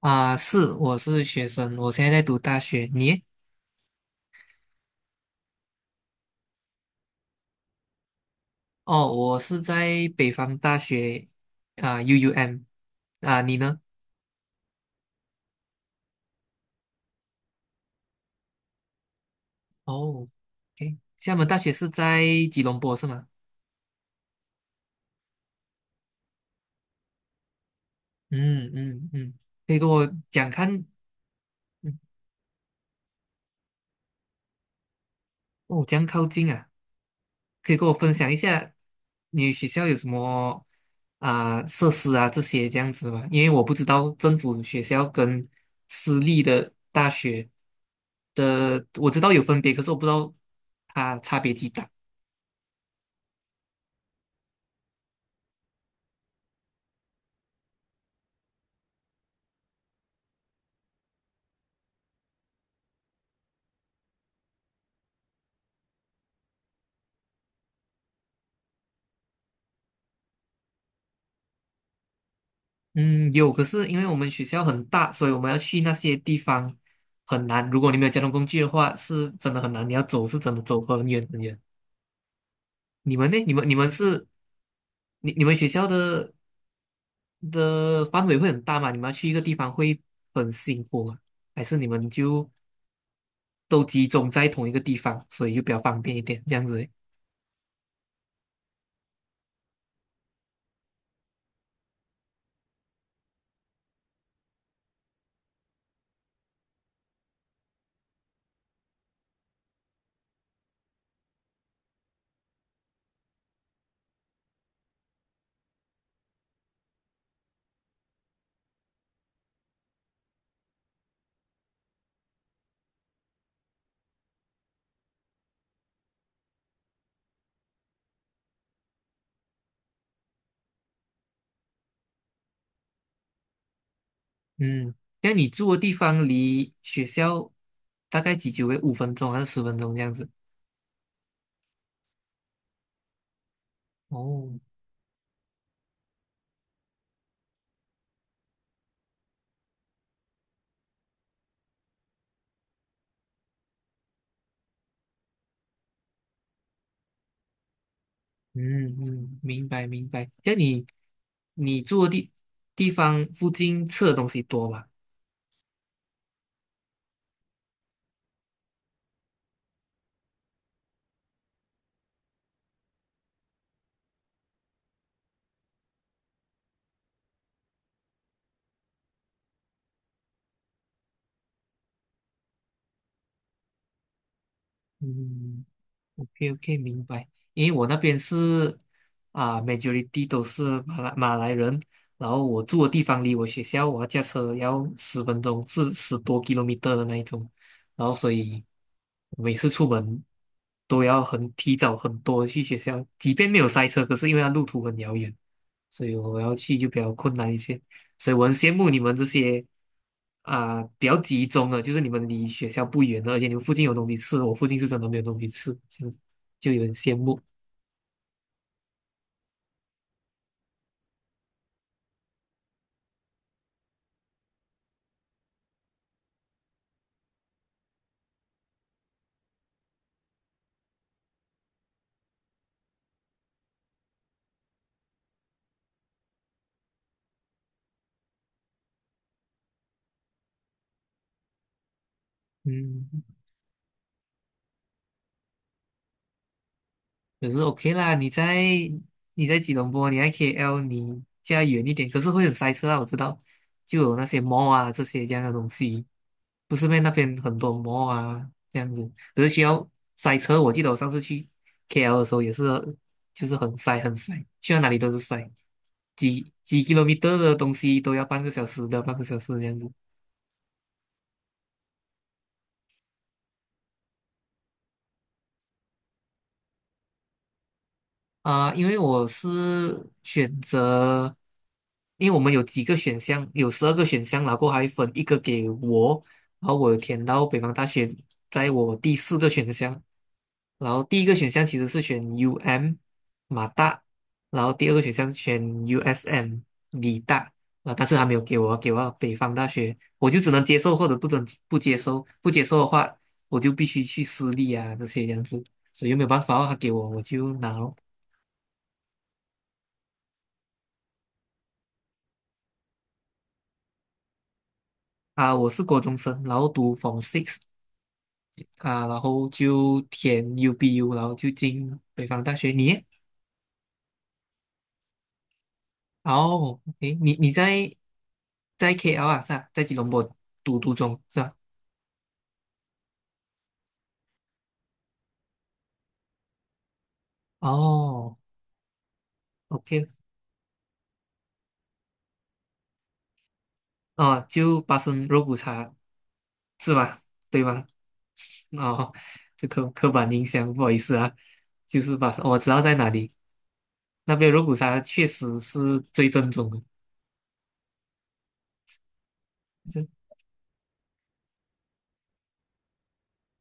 啊，是，我是学生，我现在在读大学。你？哦，我是在北方大学啊，UUM。啊，你呢？哦，OK，厦门大学是在吉隆坡是吗？嗯嗯嗯，可以跟我讲看。嗯。哦，这样靠近啊。可以跟我分享一下你学校有什么啊、设施啊这些这样子吗？因为我不知道政府学校跟私立的大学的，我知道有分别，可是我不知道它差别几大。嗯，有，可是因为我们学校很大，所以我们要去那些地方很难。如果你没有交通工具的话，是真的很难。你要走是真的走很远很远。你们呢？你们学校的范围会很大嘛？你们要去一个地方会很辛苦吗？还是你们就都集中在同一个地方，所以就比较方便一点这样子？嗯，那你住的地方离学校大概几久诶？5分钟还是十分钟这样子？哦，嗯嗯，明白明白。那你住的地方附近吃的东西多吗？嗯。OK OK，明白。因为我那边是啊，majority 都是马来人，然后我住的地方离我学校，我要驾车要十分钟，是10多 kilometer 的那一种，然后所以每次出门都要很提早很多去学校，即便没有塞车，可是因为它路途很遥远，所以我要去就比较困难一些。所以我很羡慕你们这些啊、比较集中的，就是你们离学校不远的，而且你们附近有东西吃，我附近是真的没有东西吃，这样子就有点羡慕。嗯，可是 OK 啦，你在吉隆坡，你在 KL，你家远一点，可是会很塞车啊，我知道，就有那些 mall 啊这些这样的东西，不是咩？那边很多 mall 啊这样子，可是需要塞车。我记得我上次去 KL 的时候也是，就是很塞很塞，去到哪里都是塞，几 kilometer 的东西都要半个小时的，半个小时这样子。啊、因为我是选择，因为我们有几个选项，有12个选项，然后还分一个给我，然后我填到北方大学，在我第四个选项，然后第一个选项其实是选 UM 马大，然后第二个选项选 USM 理大，啊、但是他没有给我，给我北方大学，我就只能接受或者不准不接受，不接受的话，我就必须去私立啊这些这样子，所以又没有办法哦，他给我我就拿咯。啊，我是国中生，然后读 Form Six 啊，然后就填 UBU，然后就进北方大学。你呢？哦，诶，你在 KL 啊，是吧？在吉隆坡读中是吧？哦，OK。哦，就巴生肉骨茶是吧？对吗？哦，这刻板印象，不好意思啊，就是巴生，我知道在哪里，那边肉骨茶确实是最正宗的。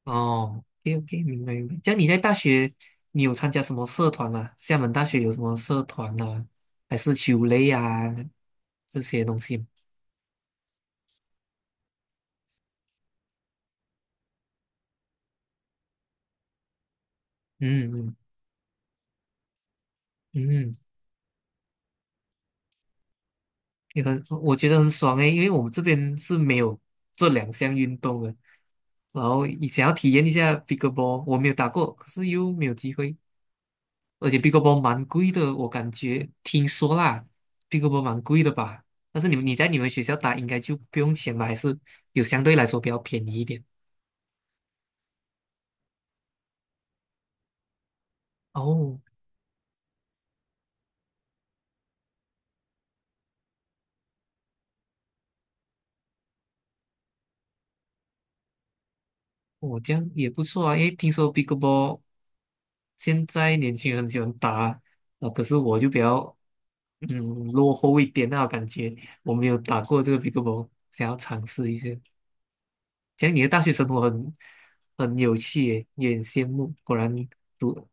哦，OK OK，明白明白。这样你在大学，你有参加什么社团吗？厦门大学有什么社团啊？还是球类啊这些东西？嗯嗯嗯，也很，我觉得很爽诶，因为我们这边是没有这2项运动的。然后你想要体验一下 pickleball，我没有打过，可是又没有机会，而且 pickleball 蛮贵的，我感觉听说啦，pickleball 蛮贵的吧？但是你在你们学校打应该就不用钱吧？还是有相对来说比较便宜一点？哦，我这样也不错啊，因为听说 p i c b a l l 现在年轻人很喜欢打，啊，啊可是我就比较嗯落后一点那感觉，我没有打过这个 p i c b a l l 想要尝试一下。这样你的大学生活很有趣耶，有点羡慕。果然读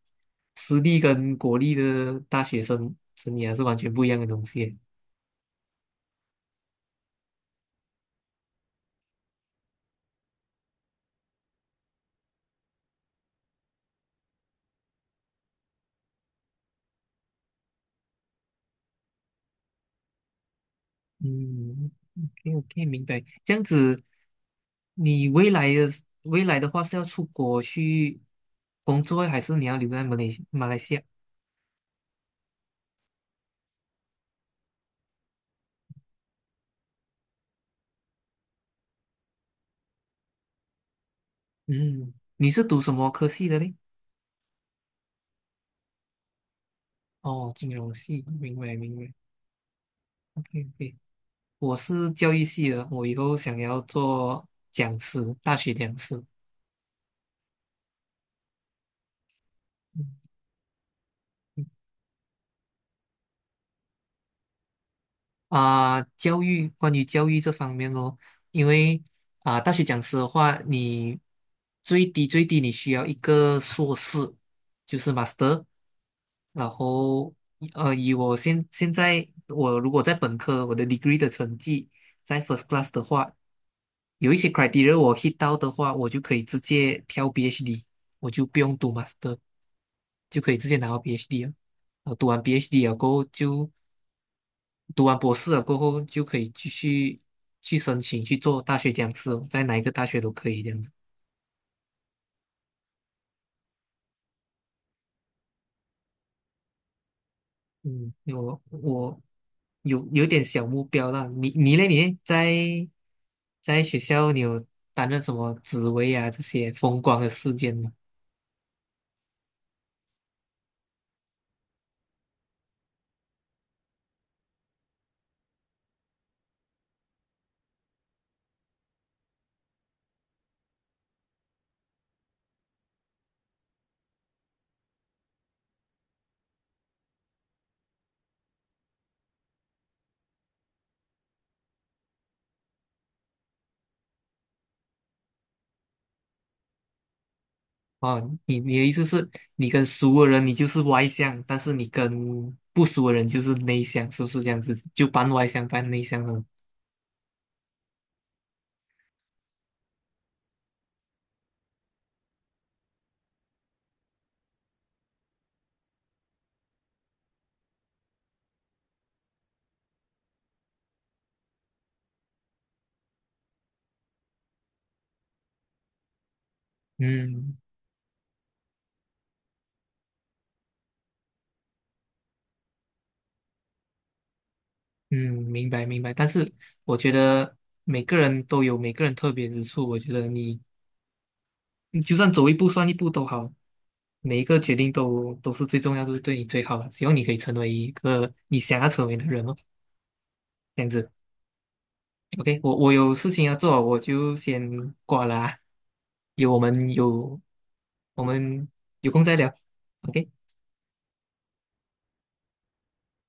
私立跟国立的大学生涯是完全不一样的东西耶。嗯，OK OK，明白。这样子，你未来的话是要出国去工作，还是你要留在马来西亚？嗯，你是读什么科系的嘞？哦，金融系，明白明白。OK OK，我是教育系的，我以后想要做讲师，大学讲师。嗯。啊、关于教育这方面哦，因为啊、大学讲师的话，你最低最低你需要一个硕士，就是 master，然后以我现在我如果在本科我的 degree 的成绩在 first class 的话，有一些 criteria 我 hit 到的话，我就可以直接跳 B h d。 我就不用读 master，就可以直接拿到 B h d 了。然后读完 B h d 了过后就读完博士了过后，就可以继续去申请去做大学讲师哦，在哪一个大学都可以这样子。嗯，因为我有点小目标了。你嘞在学校你有担任什么职位啊？这些风光的事件吗？哦，你的意思是，你跟熟的人你就是外向，但是你跟不熟的人就是内向，是不是这样子？就半外向半内向了。嗯嗯，明白明白，但是我觉得每个人都有每个人特别之处。我觉得你就算走一步算一步都好，每一个决定都是最重要，都是对你最好的。希望你可以成为一个你想要成为的人哦，这样子。OK，我有事情要做，我就先挂了啊。有我们有我们有空再聊。OK。